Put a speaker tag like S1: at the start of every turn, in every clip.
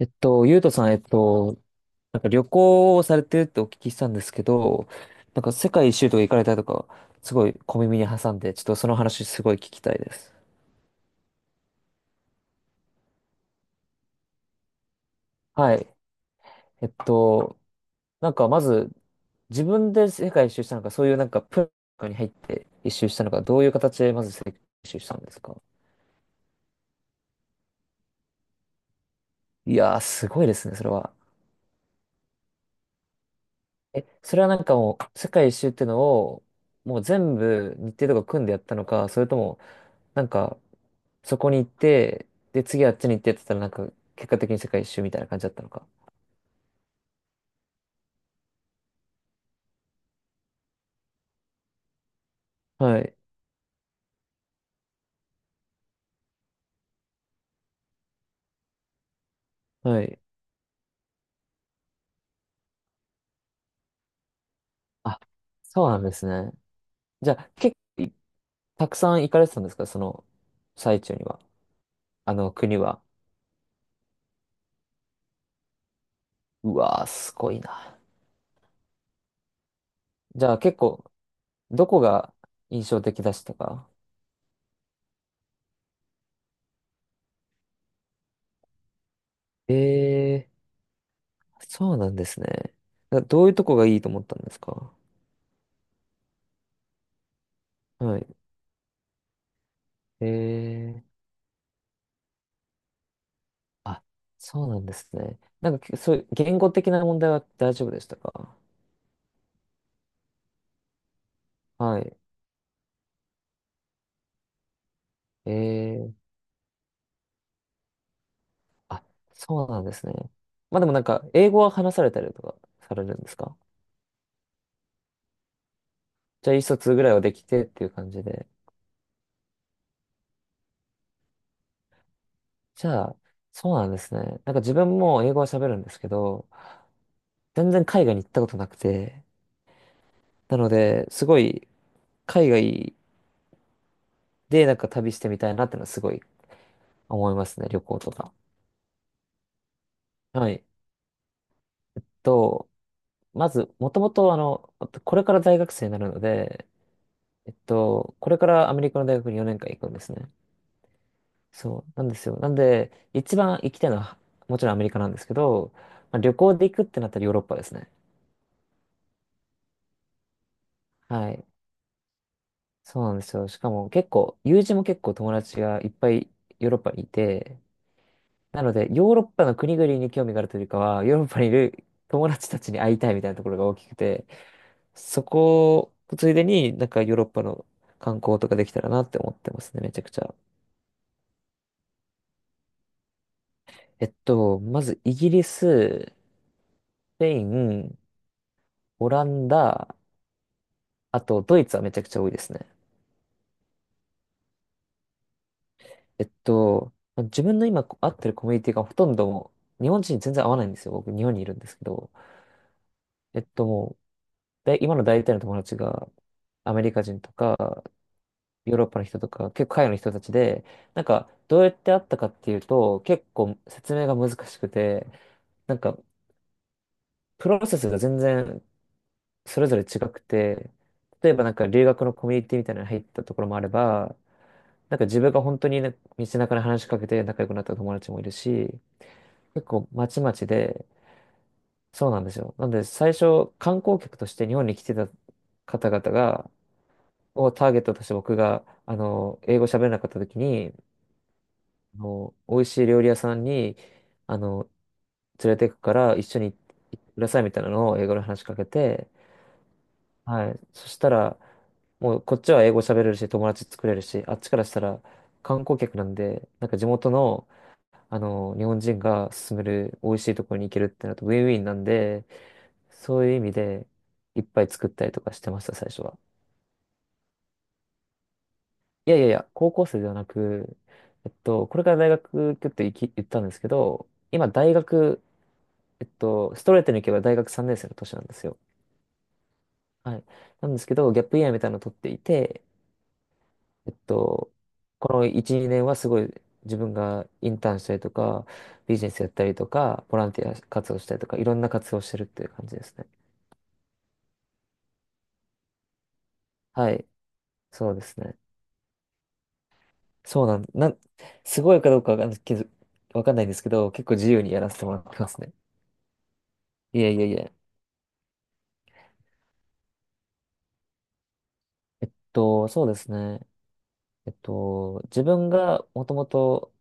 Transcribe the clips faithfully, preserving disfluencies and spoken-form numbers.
S1: えっと、ゆうとさん、えっと、なんか旅行をされてるってお聞きしたんですけど、なんか世界一周とか行かれたとか、すごい小耳に挟んで、ちょっとその話すごい聞きたいです。はい。えっと、なんかまず、自分で世界一周したのか、そういうなんかプロに入って一周したのか、どういう形でまず世界一周したんですか？いやー、すごいですね、それは。え、それはなんかもう、世界一周ってのを、もう全部日程とか組んでやったのか、それとも、なんか、そこに行って、で、次あっちに行ってって言ったら、なんか、結果的に世界一周みたいな感じだったのか。はい。はい。あ、そうなんですね。じゃあ、結構、たくさん行かれてたんですか、その、最中には。あの、国は。うわー、すごいな。じゃあ、結構、どこが印象的でしたか？ええー、そうなんですね。などういうとこがいいと思ったんですか？はい。ええーあ、そうなんですね。なんか、そういう言語的な問題は大丈夫でしたか？はい。ええあ、そうなんですね。まあでもなんか、英語は話されたりとかされるんですか？じゃあ、意思疎通ぐらいはできてっていう感じで。じゃあ、そうなんですね。なんか自分も英語は喋るんですけど、全然海外に行ったことなくて、なので、すごい海外でなんか旅してみたいなってのはすごい思いますね、旅行とか。はい。と。まず、もともと、あの、これから大学生になるので、えっと、これからアメリカの大学によねんかん行くんですね。そう、なんですよ。なんで、一番行きたいのは、もちろんアメリカなんですけど、まあ、旅行で行くってなったらヨーロッパですね。はい。そうなんですよ。しかも結構、友人も結構友達がいっぱいヨーロッパにいて、なので、ヨーロッパの国々に興味があるというよりかは、ヨーロッパにいる友達たちに会いたいみたいなところが大きくて、そこ、ついでになんかヨーロッパの観光とかできたらなって思ってますね、めちゃくちゃ。えっと、まずイギリス、スペイン、オランダ、あとドイツはめちゃくちゃ多いですね。えっと、まあ自分の今会ってるコミュニティがほとんどもう日本人に全然合わないんですよ。僕日本にいるんですけど。えっともう、で、今の大体の友達がアメリカ人とか、ヨーロッパの人とか、結構海外の人たちで、なんか、どうやって会ったかっていうと、結構説明が難しくて、なんか、プロセスが全然それぞれ違くて、例えばなんか留学のコミュニティみたいなのに入ったところもあれば、なんか自分が本当にね道中で話しかけて仲良くなった友達もいるし、結構まちまちで、そうなんですよ。なので最初観光客として日本に来てた方々が、をターゲットとして僕が、あの、英語喋れなかった時に、あの、美味しい料理屋さんに、あの、連れて行くから一緒に行ってくださいみたいなのを英語で話しかけて、はい。そしたら、もうこっちは英語喋れるし、友達作れるし、あっちからしたら観光客なんで、なんか地元の、あの、日本人が勧める美味しいところに行けるってなるとウィンウィンなんで、そういう意味でいっぱい作ったりとかしてました、最初は。いやいやいや、高校生ではなく、えっと、これから大学行くって言き言ったんですけど、今大学、えっと、ストレートに行けば大学さんねん生の年なんですよ。はい。なんですけど、ギャップイヤーみたいなのを取っていて、えっと、このいち、にねんはすごい自分がインターンしたりとか、ビジネスやったりとか、ボランティア活動したりとか、いろんな活動をしてるっていう感じですね。はい。そうですね。そうなん、なん、すごいかどうかわかんないけど、わかんないんですけど、結構自由にやらせてもらってますね。いえいえいえ。えっと、そうですね。えっと、自分がもともと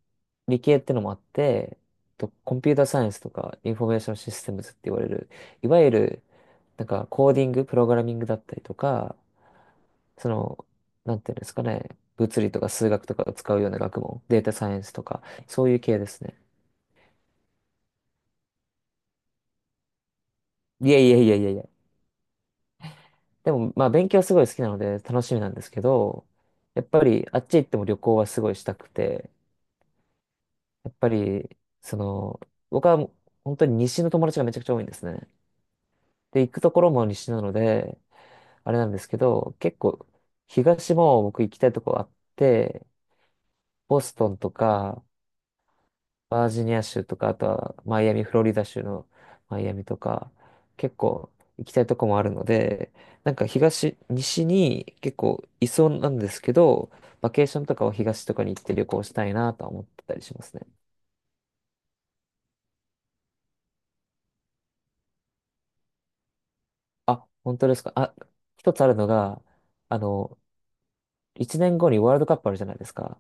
S1: 理系ってのもあって、えっと、コンピューターサイエンスとかインフォメーションシステムズって言われる、いわゆる、なんかコーディング、プログラミングだったりとか、その、なんていうんですかね、物理とか数学とかを使うような学問、データサイエンスとか、そういう系ですね。いやいやいやいやいや。でも、まあ勉強はすごい好きなので楽しみなんですけど、やっぱりあっち行っても旅行はすごいしたくて、やっぱり、その、僕は本当に西の友達がめちゃくちゃ多いんですね。で、行くところも西なので、あれなんですけど、結構、東も僕行きたいとこあって、ボストンとか、バージニア州とか、あとはマイアミ、フロリダ州のマイアミとか、結構行きたいとこもあるので、なんか東、西に結構いそうなんですけど、バケーションとかは東とかに行って旅行したいなとは思ってたりしますね。あ、本当ですか。あ、一つあるのが、あの、いちねんごにワールドカップあるじゃないですか。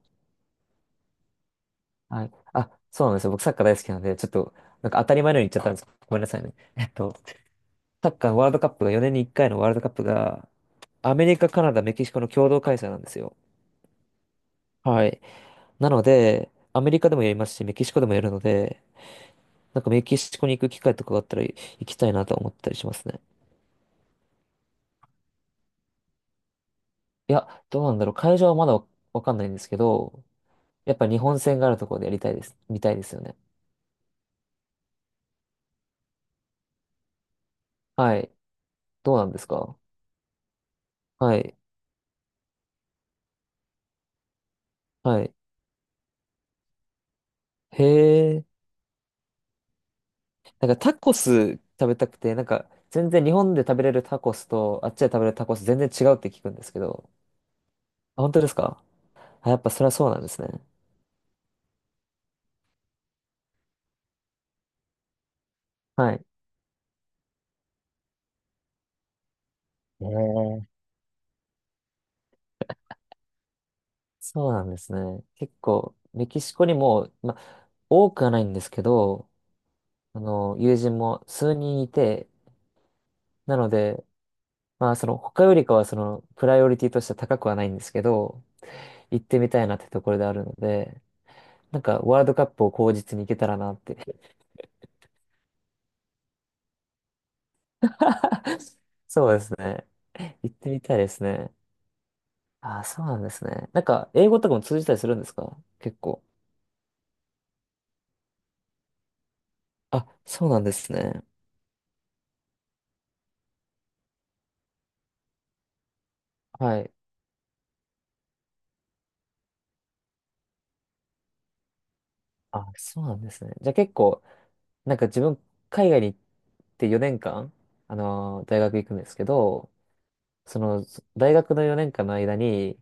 S1: はい。あ、そうなんですよ。僕サッカー大好きなんで、ちょっと、なんか当たり前のように言っちゃったんです。ごめんなさいね。えっと、サッカーのワールドカップが、よねんにいっかいのワールドカップが、アメリカ、カナダ、メキシコの共同開催なんですよ。はい。なので、アメリカでもやりますし、メキシコでもやるので、なんかメキシコに行く機会とかがあったら行きたいなと思ったりしますね。いや、どうなんだろう。会場はまだわわかんないんですけど、やっぱ日本戦があるところでやりたいです。見たいですよね。はい。どうなんですか？はい。はい。へえ。なんかタコス食べたくて、なんか全然日本で食べれるタコスとあっちで食べれるタコス全然違うって聞くんですけど。あ、本当ですか？あ、やっぱそれはそうなんですね。はい。へえ。そうなんですね。結構、メキシコにも、ま、多くはないんですけど、あの、友人もすうにんいて、なので、まあ、その、他よりかは、その、プライオリティとしては高くはないんですけど、行ってみたいなってところであるので、なんかワールドカップを口実に行けたらなって。そうですね。行ってみたいですね。ああ、そうなんですね。なんか、英語とかも通じたりするんですか、結構。あ、そうなんですね。はい。あ、そうなんですね。じゃあ結構、なんか自分、海外に行ってよねんかん、あのー大学行くんですけど、その、大学のよねんかんの間に、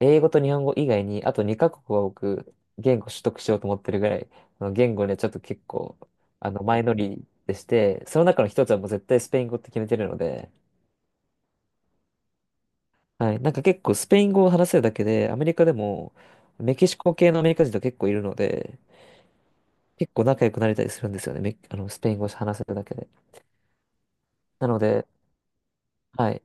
S1: 英語と日本語以外に、あとにカ国は僕、言語取得しようと思ってるぐらい、あの言語ね、ちょっと結構、あの、前乗りでして、その中の一つはもう絶対スペイン語って決めてるので、はい、なんか結構スペイン語を話せるだけで、アメリカでも、メキシコ系のアメリカ人と結構いるので、結構仲良くなれたりするんですよね、メあの、スペイン語を話せるだけで。なので、はい、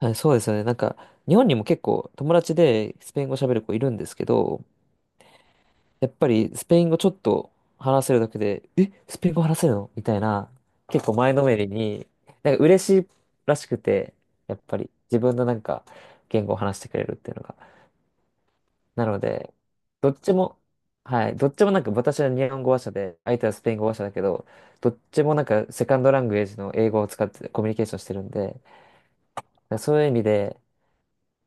S1: はい、そうですよね、なんか、日本にも結構友達でスペイン語喋る子いるんですけど、やっぱりスペイン語ちょっと話せるだけで、え、スペイン語話せるのみたいな、結構前のめりに、なんか嬉しいらしくて、やっぱり自分のなんか言語を話してくれるっていうのが。なので、どっちも、はい、どっちもなんか私は日本語話者で、相手はスペイン語話者だけど、どっちもなんかセカンドラングエージの英語を使ってコミュニケーションしてるんで、そういう意味で、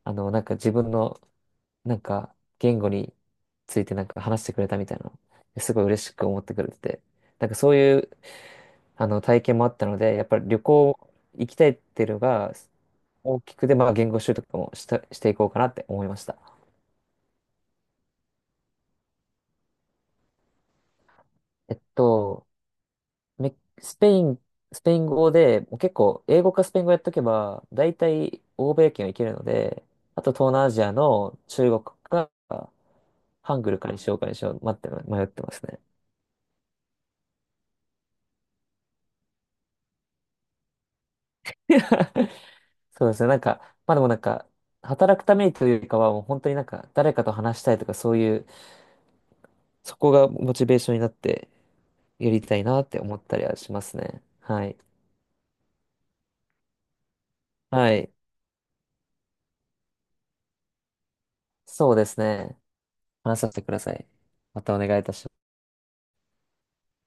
S1: あの、なんか自分のなんか、言語についてなんか話してくれたみたいなの、すごい嬉しく思ってくれてて、なんかそういう、あの、体験もあったので、やっぱり旅行行きたいっていうのが大きくで、まあ言語習得もした、していこうかなって思いました。えっと、メスペイン、スペイン語で、もう結構英語かスペイン語やっとけば、大体欧米圏はいけるので、あと東南アジアの中国か、ハングルかにしようかにしよう、待って、迷ってますね。そうですね。なんか、まあでもなんか、働くためにというよりかは、もう本当になんか、誰かと話したいとか、そういう、そこがモチベーションになって、やりたいなって思ったりはしますね。はい。はい。そうですね。話させてください。またお願いいたします。